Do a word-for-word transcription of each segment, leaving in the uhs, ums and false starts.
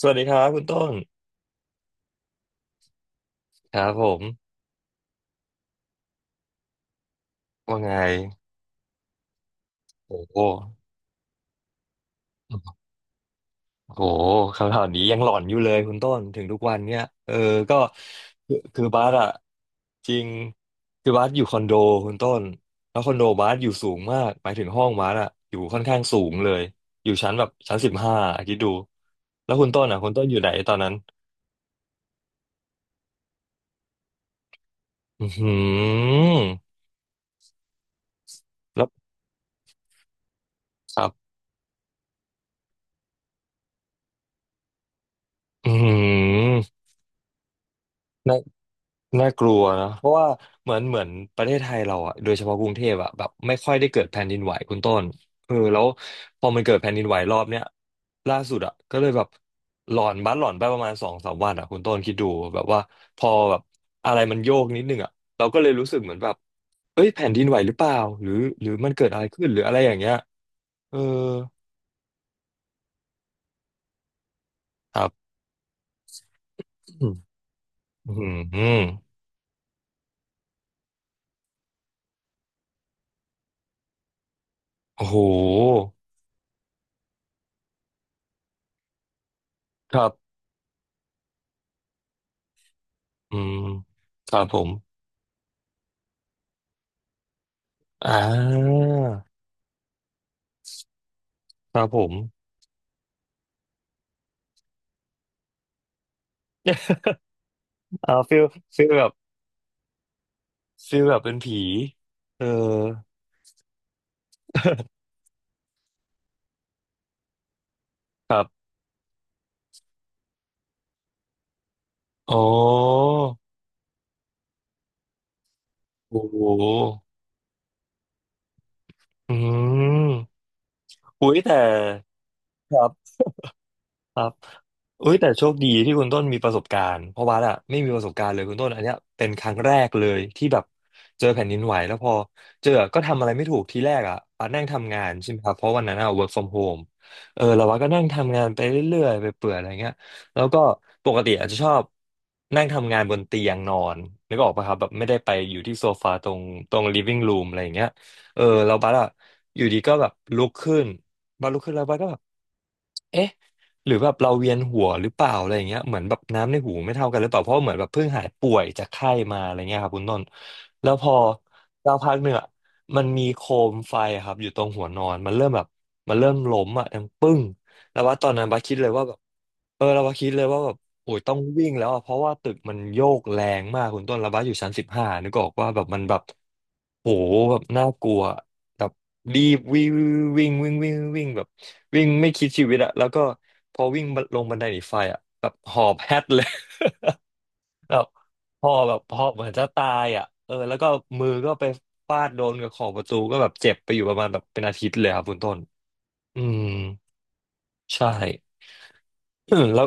สวัสดีครับคุณต้นครับผมว่าไงโอ้โหโอ้โหคำถามนี้ยังหลอนอยู่เลยคุณต้นถึงทุกวันเนี่ยเออก็คือคือบาสอะจริงคือบาสอยู่คอนโดคุณต้นแล้วคอนโดบาสอยู่สูงมากหมายถึงห้องบาสอะอยู่ค่อนข้างสูงเลยอยู่ชั้นแบบชั้นสิบห้าคิดดูแล้วคุณต้นอะคุณต้นอยู่ไหนตอนนั้นอือหือแล้วครับอือหือ น่ากลัวนะเพราะว่าเหมือนเหมือนประเทศไทยเราอ่ะโดยเฉพาะกรุงเทพอ่ะแบบไม่ค่อยได้เกิดแผ่นดินไหวคุณต้นเออแล้วพอมันเกิดแผ่นดินไหวรอบเนี้ยล่าสุดอ่ะก็เลยแบบหลอนบ้านหลอนไปประมาณสองสามวันอ่ะคุณต้นคิดดูแบบว่าพอแบบอะไรมันโยกนิดนึงอ่ะเราก็เลยรู้สึกเหมือนแบบเอ้ยแผ่นดินไหวหรือเปล่าหรือหรือมันเกิดอะไรขึ้นหรืออะไรอย่างเงี้ยเออครับอืมอืมโอ้โหครับอืมครับผมอ่าครับผม เออฟิลฟิลแบบฟิลแบบเป็นผีเออ ครับอ๋อโอ้โหอืมอุ้ยแต่ครับ ครับเอ้ยแต่โชคดีที่คุณต้นมีประสบการณ์เพราะว่าอะไม่มีประสบการณ์เลยคุณต้นอันเนี้ยเป็นครั้งแรกเลยที่แบบเจอแผ่นดินไหวแล้วพอเจอก็ทำอะไรไม่ถูกทีแรกอ่ะอะนั่งทำงานใช่ไหมครับเพราะวันนั้นอ่ะ work from home เออแล้วว่าก็นั่งทำงานไปเรื่อยๆไปเปื่อยอะไรเงี้ยแล้วก็ปกติอาจจะชอบนั่งทำงานบนเตียงนอนนึกออกปะครับแบบไม่ได้ไปอยู่ที่โซฟาตรงตรง living room อะไรอย่างเงี้ยเออแล้วบัสอะอยู่ดีก็แบบลุกขึ้นบัสลุกขึ้นแล้วบัสก็แบบ เอ๊ะหรือแบบเราเวียนหัวหรือเปล่าอะไรอย่างเงี้ยเหมือนแบบน้ำในหูไม่เท่ากันหรือเปล่าเพราะเหมือนแบบเพิ่งหายป่วยจากไข้มาอะไรเงี้ยครับคุณต้นแล้วพอสักพักหนึ่งอะมันมีโคมไฟอะครับอยู่ตรงหัวนอนมันเริ่มแบบมันเริ่มล้มอ่ะดังปึ้งแล้วว่าตอนนั้นบาสคิดเลยว่าแบบเออเราว่าคิดเลยว่าแบบโอ้ยต้องวิ่งแล้วอะเพราะว่าตึกมันโยกแรงมากคุณต้นแล้วบาสอยู่ชั้นสิบห้านึกออกว่าแบบมันแบบโหแบบน่ากลัว แบบรีบวิ่งวิ่งวิ่งวิ่งวิ่งแบบวิ่งไม่คิดชีวิตอะแล้วก็พอวิ่งลงบันไดหนีไฟอะแบบหอบแฮดเลย แบบพอแบบพอเหมือนจะตายอะเออแล้วก็มือก็ไปฟาดโดนกับขอบประตูก็แบบเจ็บไปอยู่ประมาณแบบเป็นอาทิตย์เลยครับคุณต้นอืม ใช่ อืมแล้ว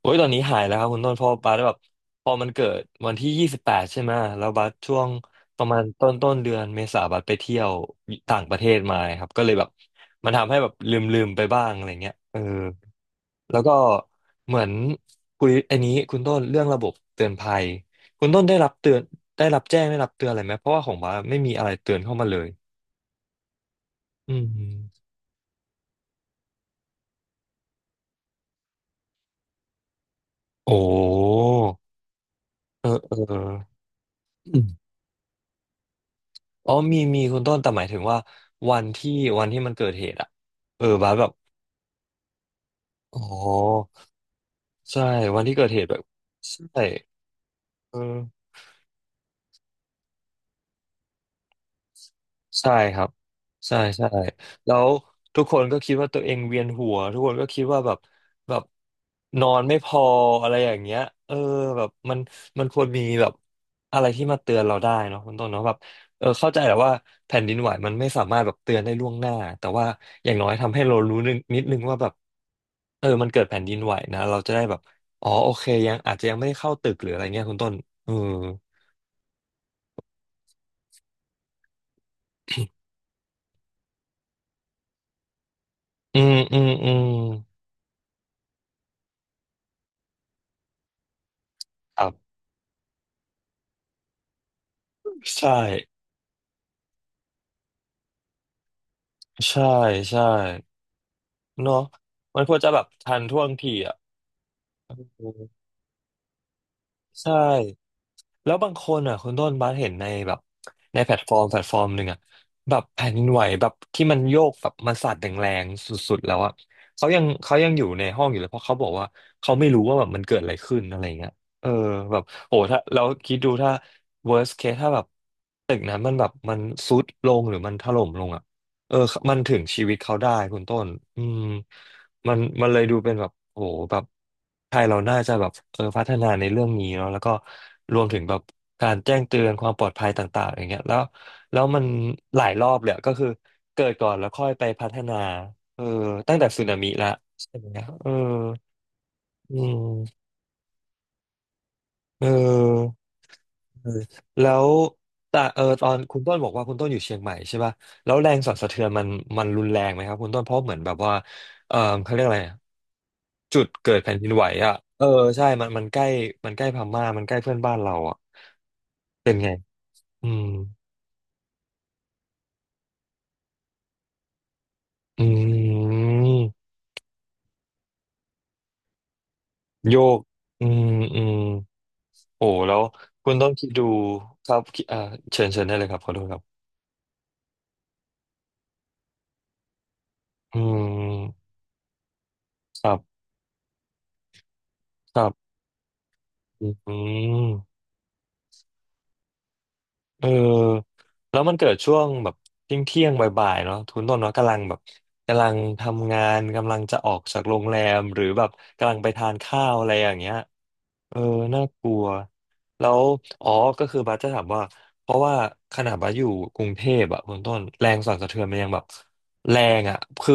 โอ้ยตอนนี้หายแล้วครับคุณต้นเพอบาสแบบพอมันเกิดวันที่ยี่สิบแปดใช่ไหมแล้วบาสช่วงประมาณต้นต้นเดือนเมษาบาสไปเที่ยวต่างประเทศมาครับก็เลยแบบมันทำให้แบบลืมลืมไปบ้างอะไรเงี้ยเออแล้วก็เหมือนคุยอันนี้คุณต้นเรื่องระบบเตือนภัยคุณต้นได้รับเตือนได้รับแจ้งได้รับเตือนอะไรไหมเพราะว่าของบาสไม่มีอะไรเตือนเข้ามาเลยอืมโอ้เออเออ อ๋อมีมีคุณต้นแต่หมายถึงว่าวันที่วันที่มันเกิดเหตุอะเออบาสแบบอ๋อใช่วันที่เกิดเหตุแบบใช่เออ ใช่ครับใช่ใช่แล้วทุกคนก็คิดว่าตัวเองเวียนหัวทุกคนก็คิดว่าแบบแบบนอนไม่พออะไรอย่างเงี้ยเออแบบมันมันควรมีแบบอะไรที่มาเตือนเราได้เนาะคุณต้นเนาะแบบเออเข้าใจแหละว่าแผ่นดินไหวมันไม่สามารถแบบเตือนได้ล่วงหน้าแต่ว่าอย่างน้อยทำให้เรารู้นิดนิดนึงว่าแบบเออมันเกิดแผ่นดินไหวนะเราจะได้แบบอ๋อโอเคยังอาจจะยังไม่ได้เข้าตึกหรืออะไรเงี้ยคุณต้นเอออืมอืมอืมครับใช่ ใช่ใช่เนาะมันควรจะแบบทันท่วงทีอ่ะอืมใช่แล้วบางคนอ่ะคุณต้นบัสเห็นในแบบในแพลตฟอร์มแพลตฟอร์มหนึ่งอ่ะแบบแผ่นดินไหวแบบที่มันโยกแบบมันสั่นแรงๆสุดๆแล้วอ่ะเขายังเขายังอยู่ในห้องอยู่เลยเพราะเขาบอกว่าเขาไม่รู้ว่าแบบมันเกิดอะไรขึ้นอะไรเงี้ยเออแบบโหถ้าเราคิดดูถ้า worst case ถ้าแบบตึกนั้นมันแบบมันทรุดลงหรือมันถล่มลงอ่ะเออมันถึงชีวิตเขาได้คุณต้นอืม มันมันเลยดูเป็นแบบโอ้โหแบบไทยเราน่าจะแบบเออพัฒนาในเรื่องนี้เนาะแล้วก็รวมถึงแบบการแจ้งเตือนความปลอดภัยต่างๆอย่างเงี้ยแล้วแล้วมันหลายรอบเลยอะก็คือเกิดก่อนแล้วค่อยไปพัฒนาเออตั้งแต่สึนามิละใช่ไหมเอออืมเออเออแล้วแต่เออตอนคุณต้นบอกว่าคุณต้นอยู่เชียงใหม่ใช่ป่ะแล้วแรงสั่นสะเทือนมันมันรุนแรงไหมครับคุณต้นเพราะเหมือนแบบว่าเออเขาเรียกอะไร จุดเกิดแผ่นดินไหวอ่ะเออใช่มันมันใกล้มันใกล้พม่ามันใกล้เพื่อนบ้านเราอ่ะเป็นไงอืมอืมโยกอืมอืมโอ้แล้วคุณต้องคิดดูครับคิดอ่าเชิญเชิญได้เลยครับขอโทษครับอืมครับครับอืมเออแล้วมันเกิดช่วงแบบเที่ยงเที่ยงบ่ายๆเนาะทุนต้นเนาะกำลังแบบกำลังทำงานกำลังจะออกจากโรงแรมหรือแบบกำลังไปทานข้าวอะไรอย่างเงี้ย เออ น่ากลัวแล้วอ๋อก็คือบัสจะถามว่า เพราะว่าขนาดบัสอยู่กรุงเทพอะคุณต้นแรงสั่นสะเทือนมันยังแบบแรงอะคือ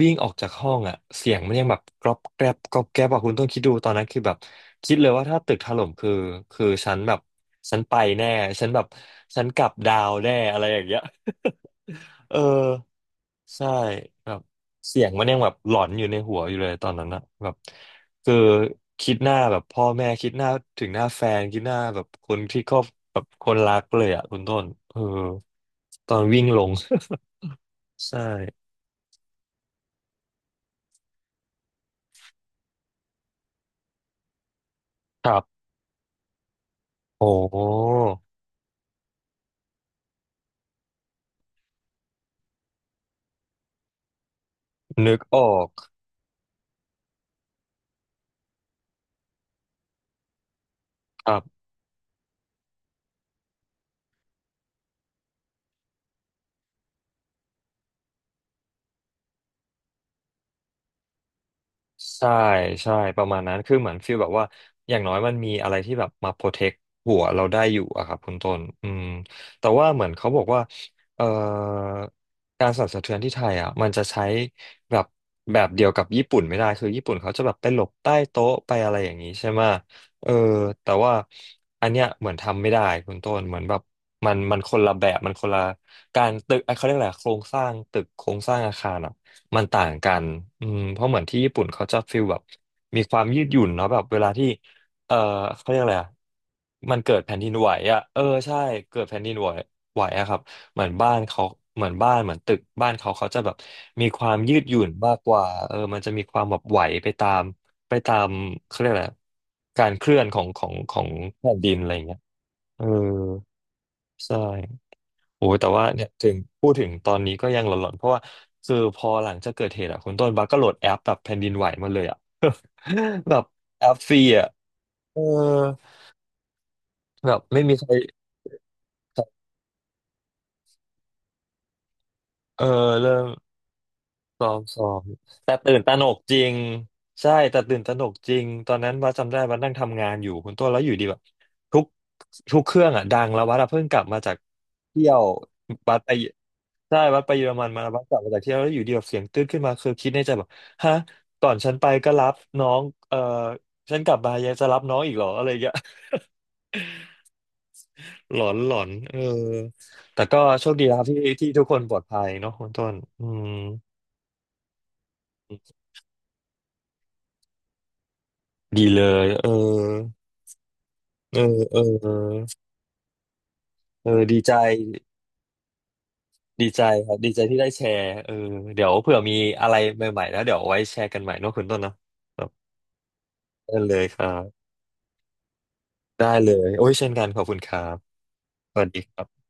วิ่งออกจากห้องอะเสียงมันยังแบบกรอบแกรบกรอบแกรบอะคุณต้นคิดดูตอนนั้นคือแบบคิดเลยว่าถ้าตึกถล่มคือคือฉันแบบฉันไปแน่ฉันแบบฉันกลับดาวแน่อะไรอย่างเงี้ย เออ ใช่แบบเสียงมันยังแบบหลอนอยู่ในหัวอยู่เลยตอนนั้นอะแบบ คือคิดหน้าแบบพ่อแม่คิดหน้าถึงหน้าแฟนคิดหน้าแบบคนที่ครอบแบบคนรักเลยอ่ะคุณต้นเออตอนวิ่งลง ใช่ครับโอ้นึกออกครับ ใช่ใช่ประมาณนั้นคือเหมือนฟีลแบบว่าอย่างน้อยมันมีอะไรที่แบบมาโปรเทคหัวเราได้อยู่อะครับคุณต้นอืมแต่ว่าเหมือนเขาบอกว่าเอ่อการสั่นสะเทือนที่ไทยอ่ะมันจะใช้แบบแบบเดียวกับญี่ปุ่นไม่ได้คือญี่ปุ่นเขาจะแบบไปหลบใต้โต๊ะไปอะไรอย่างนี้ใช่ไหมเออแต่ว่าอันเนี้ยเหมือนทำไม่ได้คุณต้นเหมือนแบบมันมันคนละแบบมันคนละการตึกเอ้ยเขาเรียกอะไรอะโครงสร้างตึกโครงสร้างอาคารอ่ะ มันต่างกันอืมเพราะเหมือนที่ญี่ปุ่นเขาจะฟีลแบบมีความยืดหยุ่นเนาะแบบเวลาที่เออเขาเรียกอะไรอะมันเกิดแผ่นดินไหวอ่ะเออใช่เกิดแผ่นดินไหวไหวอะครับเหมือนบ้านเขาเหมือนบ้านเหมือนตึกบ้านเขาเขาจะแบบมีความยืดหยุ่นมากกว่าเออมันจะมีความแบบไหวไปตามไปตามเขาเรียกอะไรอะการเคลื่อนของของของแผ่นดินอะไรอย่างเงี้ยเออใช่ โอ้ยแต่ว่าเนี่ยถึงพูดถึงตอนนี้ก็ยังหลอนๆเพราะว่าคือพอหลังจากเกิดเหตุอ่ะคุณต้นบัสก็โหลดแอปแบบแผ่นดินไหวมาเลยอ่ะ แบบแอปฟรีอ่ะเออแบบไม่มีใครเออเริ่ม ซ้อมซ้อมแต่ตื่นตระหนกจริงใช่แต่ตื่นตระหนกจริงตอนนั้นว่าจำได้ว่านั่งทำงานอยู่คุณต้นแล้วอยู่ดีแบบทุกทุกเครื่องอ่ะดังแล้ววัดอะเพิ่งกลับมาจากเที่ยววัดไปใช่วัดไปเยอรมันมาวัดกลับมาจากเที่ยวแล้วอยู่ดีแบบเสียงตื้นขึ้นมาคือคิดในใจแบบฮะก่อนฉันไปก็รับน้องเออฉันกลับมายังจะรับน้องอีกเหรออะไรอย่างเงี้ย หลอนหลอนเออแต่ก็โชคดีแล้วที่ที่ทุกคนปลอดภัยเนาะคุณต้นอืมดีเลยเออ เออเออเออดีใจดีใจครับดีใจที่ได้แชร์เออเดี๋ยวเผื่อมีอะไรใหม่ๆแล้วเดี๋ยวเอาไว้แชร์กันใหม่เนอะคุณต้นเนอะครับได้เลยครับได้เลยโอ้ยเช่นกันขอบคุณครับสวัสดีครับ